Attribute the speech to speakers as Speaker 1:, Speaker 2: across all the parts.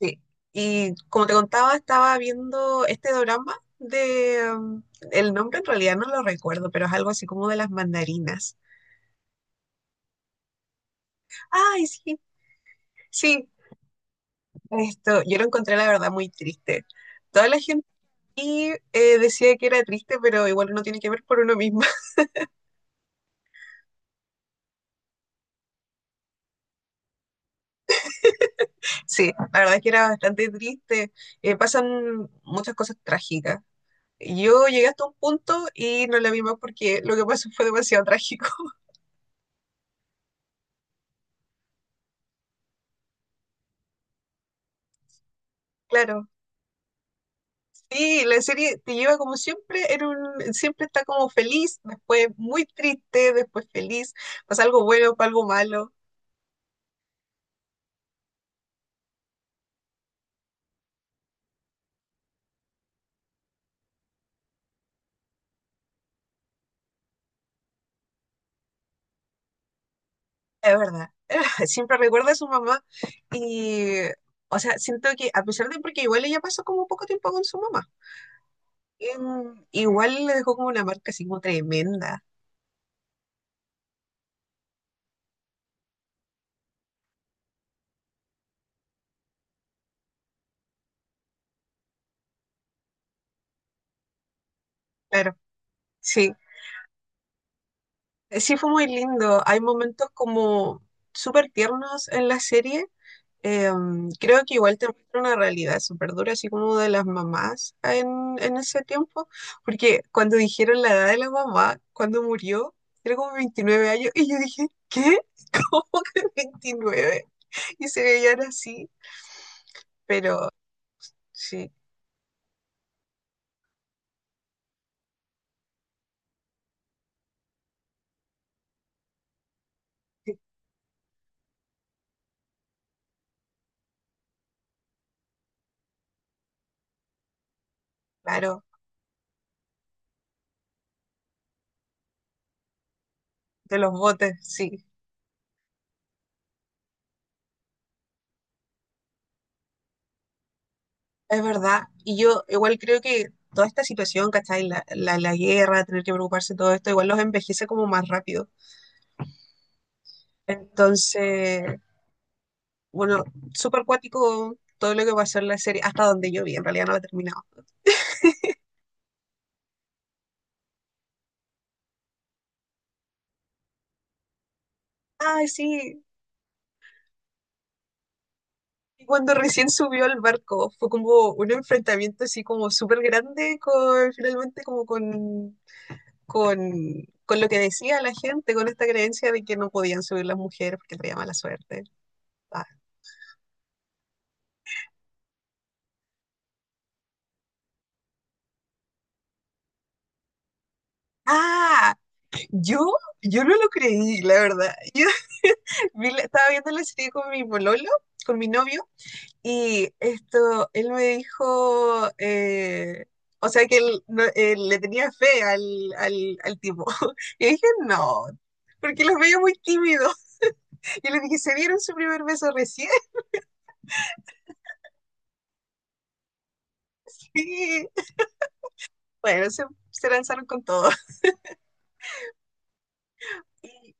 Speaker 1: Sí. Y como te contaba, estaba viendo este drama de el nombre en realidad no lo recuerdo, pero es algo así como de las mandarinas. Ay, sí, sí. Esto, yo lo encontré la verdad muy triste. Toda la gente aquí, decía que era triste, pero igual uno tiene que ver por uno mismo. Sí, la verdad es que era bastante triste. Pasan muchas cosas trágicas. Yo llegué hasta un punto y no la vi más porque lo que pasó fue demasiado trágico. Claro. Sí, la serie te lleva como siempre, siempre está como feliz, después muy triste, después feliz, pasa algo bueno, pasa algo malo, es verdad. Siempre recuerda a su mamá y, o sea, siento que a pesar de porque igual ella pasó como poco tiempo con su mamá, igual le dejó como una marca así como tremenda, claro, sí, sí fue muy lindo, hay momentos como súper tiernos en la serie. Creo que igual te muestra una realidad súper dura, así como de las mamás en ese tiempo, porque cuando dijeron la edad de la mamá, cuando murió, era como 29 años, y yo dije, ¿qué? ¿Cómo que 29? Y se veían así, pero sí, sí, claro, de los botes, sí, es verdad. Y yo igual creo que toda esta situación, ¿cachai? La guerra, tener que preocuparse de todo esto, igual los envejece como más rápido. Entonces, bueno, súper cuático todo lo que pasó en la serie, hasta donde yo vi, en realidad no la he terminado. Ay, sí. Y cuando recién subió al barco, fue como un enfrentamiento así como súper grande con, finalmente como con, con, con lo que decía la gente, con esta creencia de que no podían subir las mujeres porque traía mala suerte. Ah, ah, yo, yo no lo creí, la verdad. Yo estaba viendo la serie con mi pololo, con mi novio. Y esto, él me dijo, o sea que él, él le tenía fe al, al tipo. Y dije, no, porque los veía muy tímidos. Y le dije, se dieron su primer beso recién. Y bueno, se lanzaron con todo. Y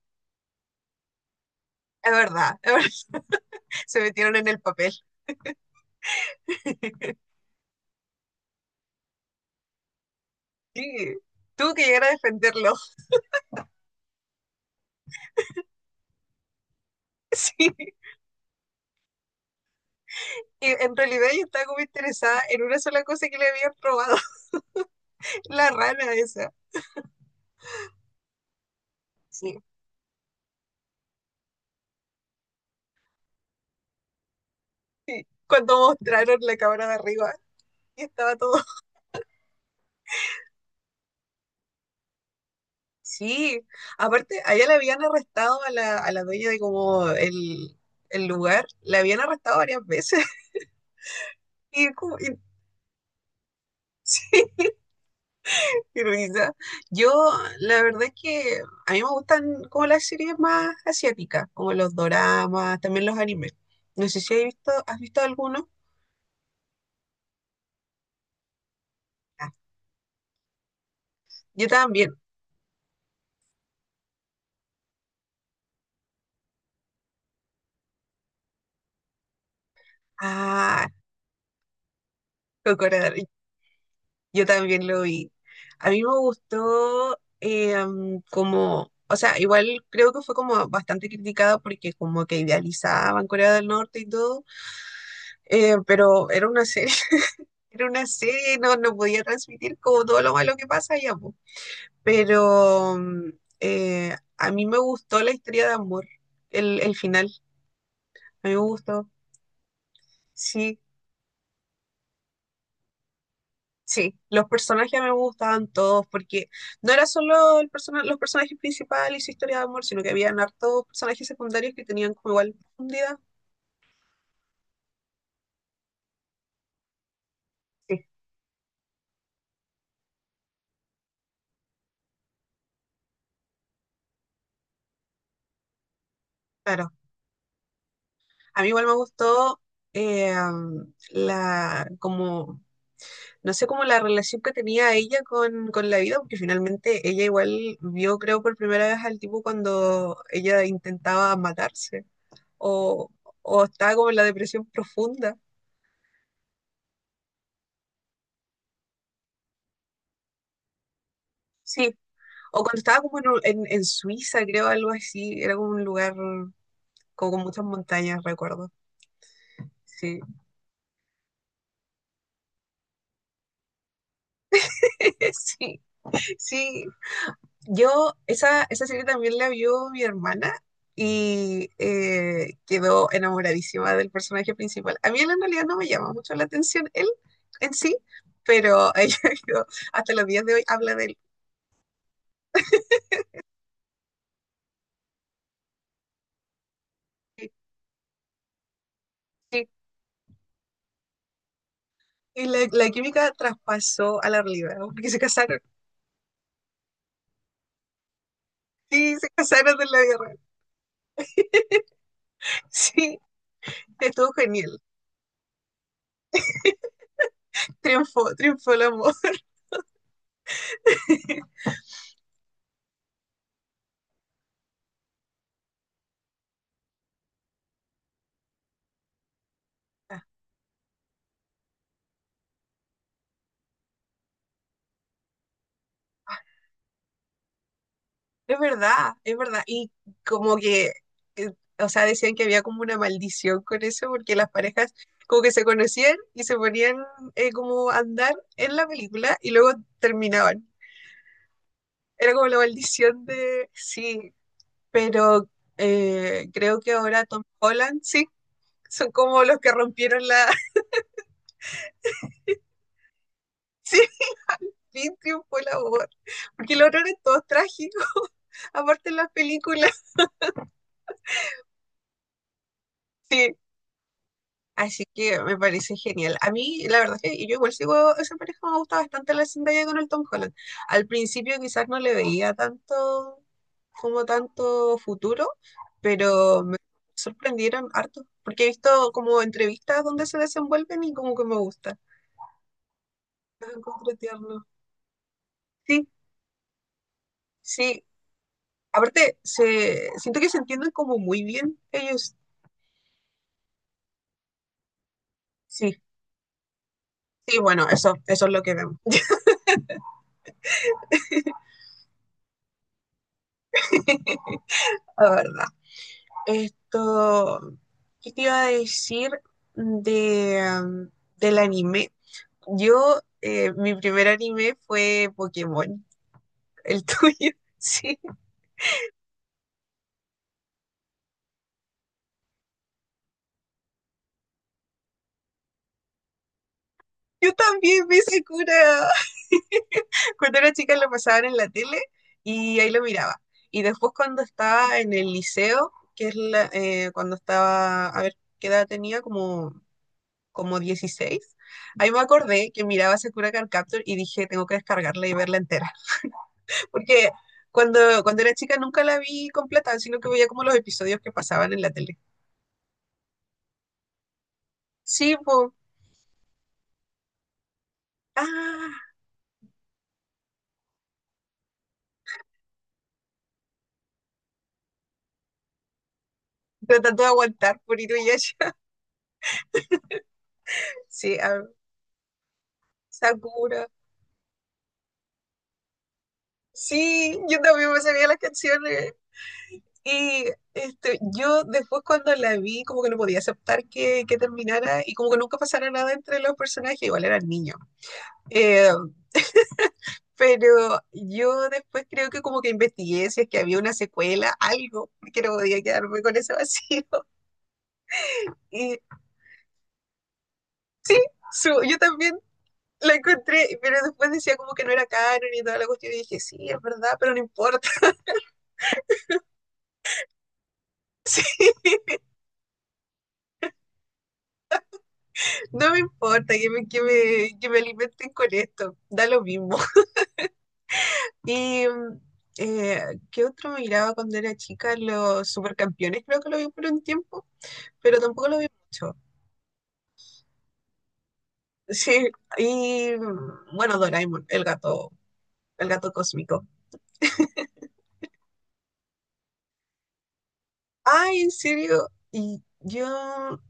Speaker 1: es verdad, se metieron en el papel. Sí, tuvo que llegar a defenderlo. Sí, y en realidad yo estaba como interesada en una sola cosa que le habían robado, la rana esa. Sí. Cuando mostraron la cámara de arriba y estaba todo. Sí, aparte, allá le habían arrestado a la dueña de como el lugar, la habían arrestado varias veces. Y, y risa. Yo, la verdad es que a mí me gustan como las series más asiáticas, como los doramas, también los animes. No sé si has visto alguno. Ah, yo también. Ah, Kokoro. Yo también lo vi. A mí me gustó como, o sea, igual creo que fue como bastante criticada porque como que idealizaban Corea del Norte y todo, pero era una serie, era una serie, no podía transmitir como todo lo malo que pasa allá, po. Pero a mí me gustó la historia de amor, el final, a mí me gustó, sí. Sí, los personajes me gustaban todos porque no era solo los personajes principales y su historia de amor, sino que habían hartos personajes secundarios que tenían como igual profundidad. Sí, claro. A mí igual me gustó eh, la, como, no sé, como la relación que tenía ella con la vida, porque finalmente ella igual vio, creo, por primera vez al tipo cuando ella intentaba matarse o, o estaba como en la depresión profunda. Sí, o cuando estaba como en, en Suiza, creo, algo así. Era como un lugar como con muchas montañas, recuerdo. Sí. Sí, sí. Yo, esa serie también la vio mi hermana y quedó enamoradísima del personaje principal. A mí él en realidad no me llama mucho la atención, él en sí, pero ella quedó, hasta los días de hoy habla de él. Sí. Y la química traspasó a la realidad, porque se casaron. Sí, se casaron en la vida real. Sí, estuvo genial. Triunfó, triunfó el amor. Es verdad, es verdad. Y como que, eh, o sea, decían que había como una maldición con eso, porque las parejas como que se conocían y se ponían como a andar en la película y luego terminaban. Era como la maldición de, sí, pero creo que ahora Tom Holland, sí, son como los que rompieron la. Sí, fin triunfó el amor, porque el otro era todo trágico, aparte en las películas, sí. Así que me parece genial. A mí, la verdad es que yo igual sigo a esa pareja, me gusta bastante la Zendaya con el Tom Holland. Al principio quizás no le veía tanto, como tanto futuro, pero me sorprendieron harto, porque he visto como entrevistas donde se desenvuelven y como que me gusta. Los encuentro tiernos. Sí, sí. Aparte, siento que se entienden como muy bien ellos. Sí, sí, bueno, eso es lo que vemos, la verdad. Esto, ¿qué te iba a decir de, um, del anime? Yo, mi primer anime fue Pokémon, el tuyo, sí. Yo también vi Sakura. Cuando era chica lo pasaban en la tele y ahí lo miraba. Y después cuando estaba en el liceo, que es cuando estaba, a ver, ¿qué edad tenía? Como 16. Ahí me acordé que miraba Sakura Card Captor y dije, tengo que descargarla y verla entera. Porque cuando era chica nunca la vi completa, sino que veía como los episodios que pasaban en la tele. Sí, po. Ah, tratando de aguantar por Inuyasha. Sí, ah, Sakura. Sí, yo también me sabía las canciones. Y este, yo después cuando la vi como que no podía aceptar que terminara y como que nunca pasara nada entre los personajes, igual eran niños. Eh, pero yo después creo que como que investigué si es que había una secuela, algo, porque no podía quedarme con ese vacío. Y yo también la encontré, pero después decía como que no era canon y toda la cuestión. Y dije, sí, es verdad, pero no importa. No me importa que me, que me, que me alimenten con esto. Da lo mismo. Y eh, ¿qué otro miraba cuando era chica? Los supercampeones, creo que lo vi por un tiempo, pero tampoco lo vi mucho. Sí, y bueno, Doraemon, el gato cósmico. Ay, en serio. Y yo,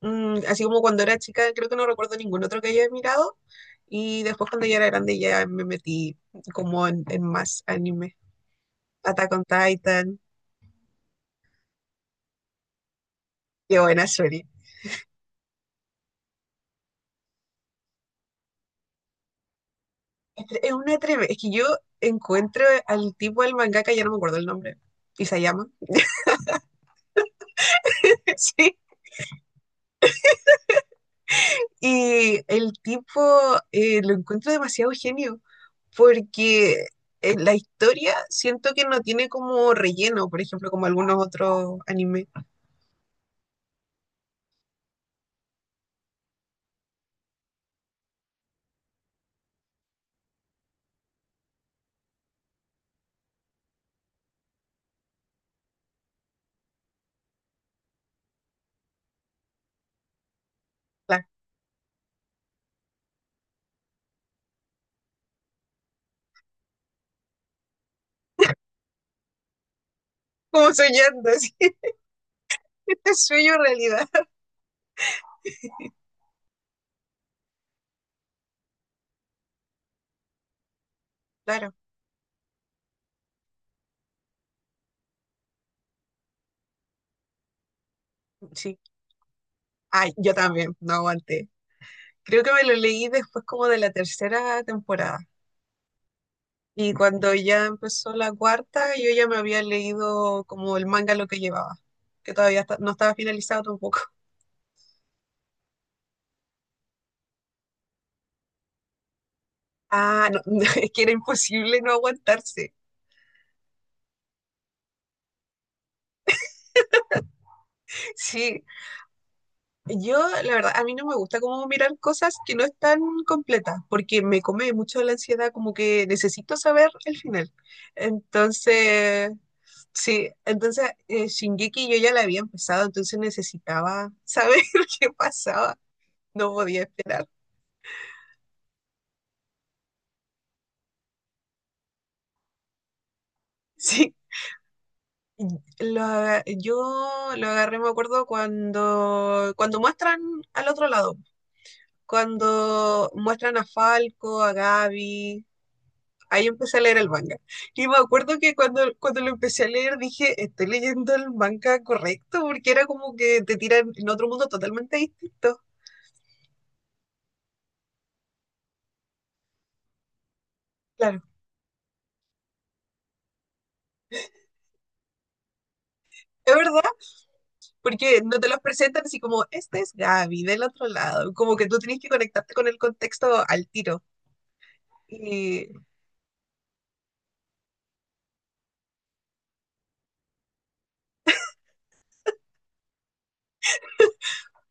Speaker 1: así como cuando era chica, creo que no recuerdo ningún otro que haya mirado. Y después cuando ya era grande ya me metí como en más anime. Attack on Titan. Qué buena serie. Es una tremenda. Es que yo encuentro al tipo del mangaka, ya no me acuerdo el nombre. Isayama. Sí. Y el tipo lo encuentro demasiado genio, porque en la historia siento que no tiene como relleno, por ejemplo, como algunos otros animes. La. Como soñando, así, sueño realidad. Claro, sí. Ay, yo también, no aguanté. Creo que me lo leí después como de la tercera temporada. Y cuando ya empezó la cuarta, yo ya me había leído como el manga lo que llevaba, que todavía está, no estaba finalizado tampoco. Ah, no, es que era imposible no aguantarse. Sí, yo la verdad, a mí no me gusta como mirar cosas que no están completas, porque me come mucho la ansiedad, como que necesito saber el final. Entonces, sí, entonces Shingeki yo ya la había empezado, entonces necesitaba saber qué pasaba, no podía esperar. Sí. Yo lo agarré, me acuerdo, cuando muestran al otro lado, cuando, muestran a Falco, a Gaby, ahí empecé a leer el manga. Y me acuerdo que cuando lo empecé a leer dije, estoy leyendo el manga correcto, porque era como que te tiran en otro mundo totalmente distinto. Claro. Es verdad, porque no te los presentan así como, este es Gaby del otro lado, como que tú tienes que conectarte con el contexto al tiro. Y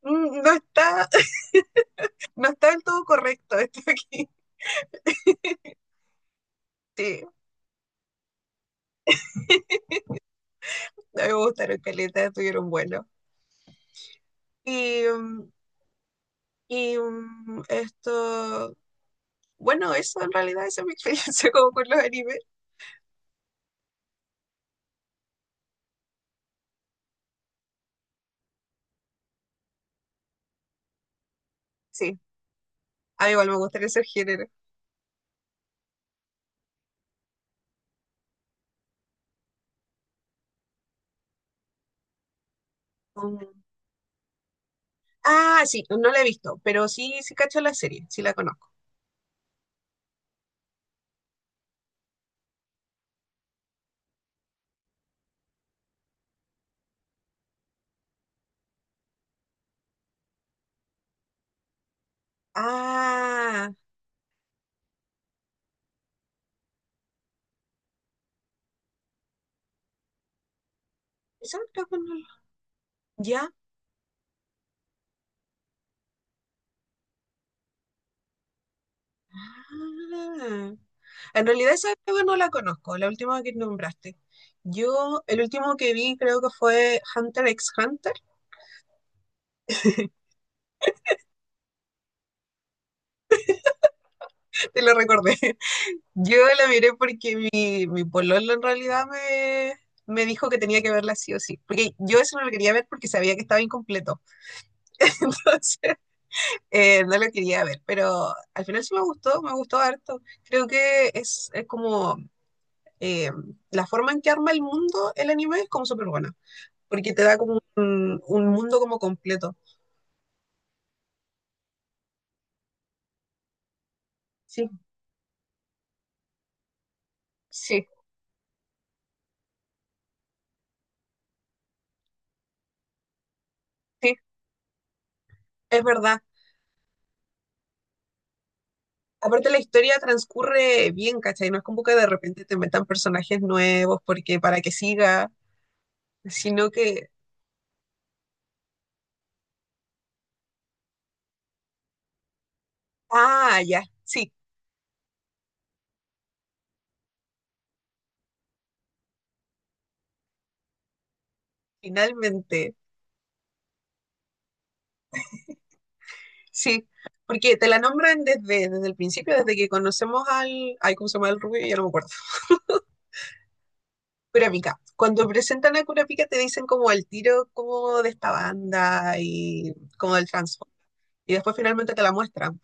Speaker 1: no está, no está del todo correcto esto aquí. Sí, a mí me gustaron caletas, estuvieron buenos. Y mm, Esto, bueno, eso en realidad esa es mi experiencia como con los animes. Sí, a mí igual me gustaría ser género. Mm. Ah, sí, no la he visto, pero sí, sí cacho la serie, sí la conozco. Ah, esa creo que no la. ¿Ya? Ah. En realidad esa creo que no la conozco, la última que nombraste. Yo, el último que vi creo que fue Hunter x Hunter, te lo recordé. Yo la miré porque mi pololo en realidad me, me dijo que tenía que verla sí o sí. Porque yo eso no lo quería ver porque sabía que estaba incompleto. Entonces, no lo quería ver. Pero al final sí me gustó harto. Creo que es como eh, la forma en que arma el mundo el anime es como súper buena. Porque te da como un mundo como completo. Sí, sí, sí, es verdad. Aparte la historia transcurre bien, ¿cachai? No es como que de repente te metan personajes nuevos porque para que siga, sino que, ah, ya, sí, finalmente, sí, porque te la nombran desde el principio, desde que conocemos ay, ¿cómo se llama el rubio? Ya no me acuerdo, Kurapika. Cuando presentan a Kurapika te dicen como el tiro como de esta banda y como del trans. Y después finalmente te la muestran,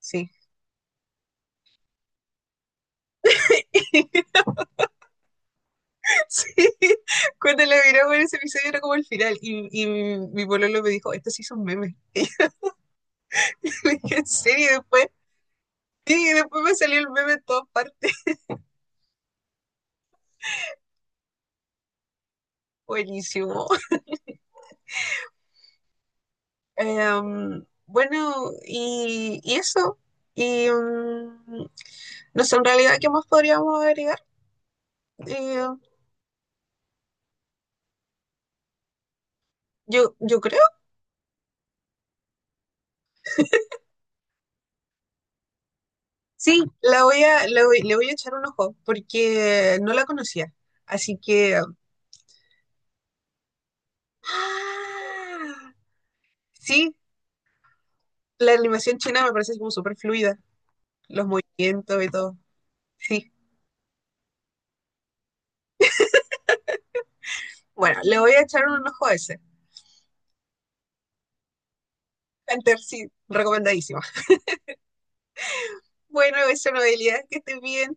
Speaker 1: sí. Sí, cuando la miramos en ese episodio era como el final y mi pololo me dijo, esto sí son memes. Le dije, ¿en serio? Y después, sí, y después me salió el meme en todas partes. Buenísimo. Em, bueno, y eso. Y no sé, en realidad, ¿qué más podríamos agregar? Eh, yo creo. Sí, la voy a, la voy- le voy a echar un ojo porque no la conocía. Así que... ¡Ah! Sí, la animación china me parece como súper fluida, los movimientos y todo. Sí. Bueno, le voy a echar un ojo a ese. Hunter, sí, recomendadísimo. Bueno, eso, Noelia, que estés bien.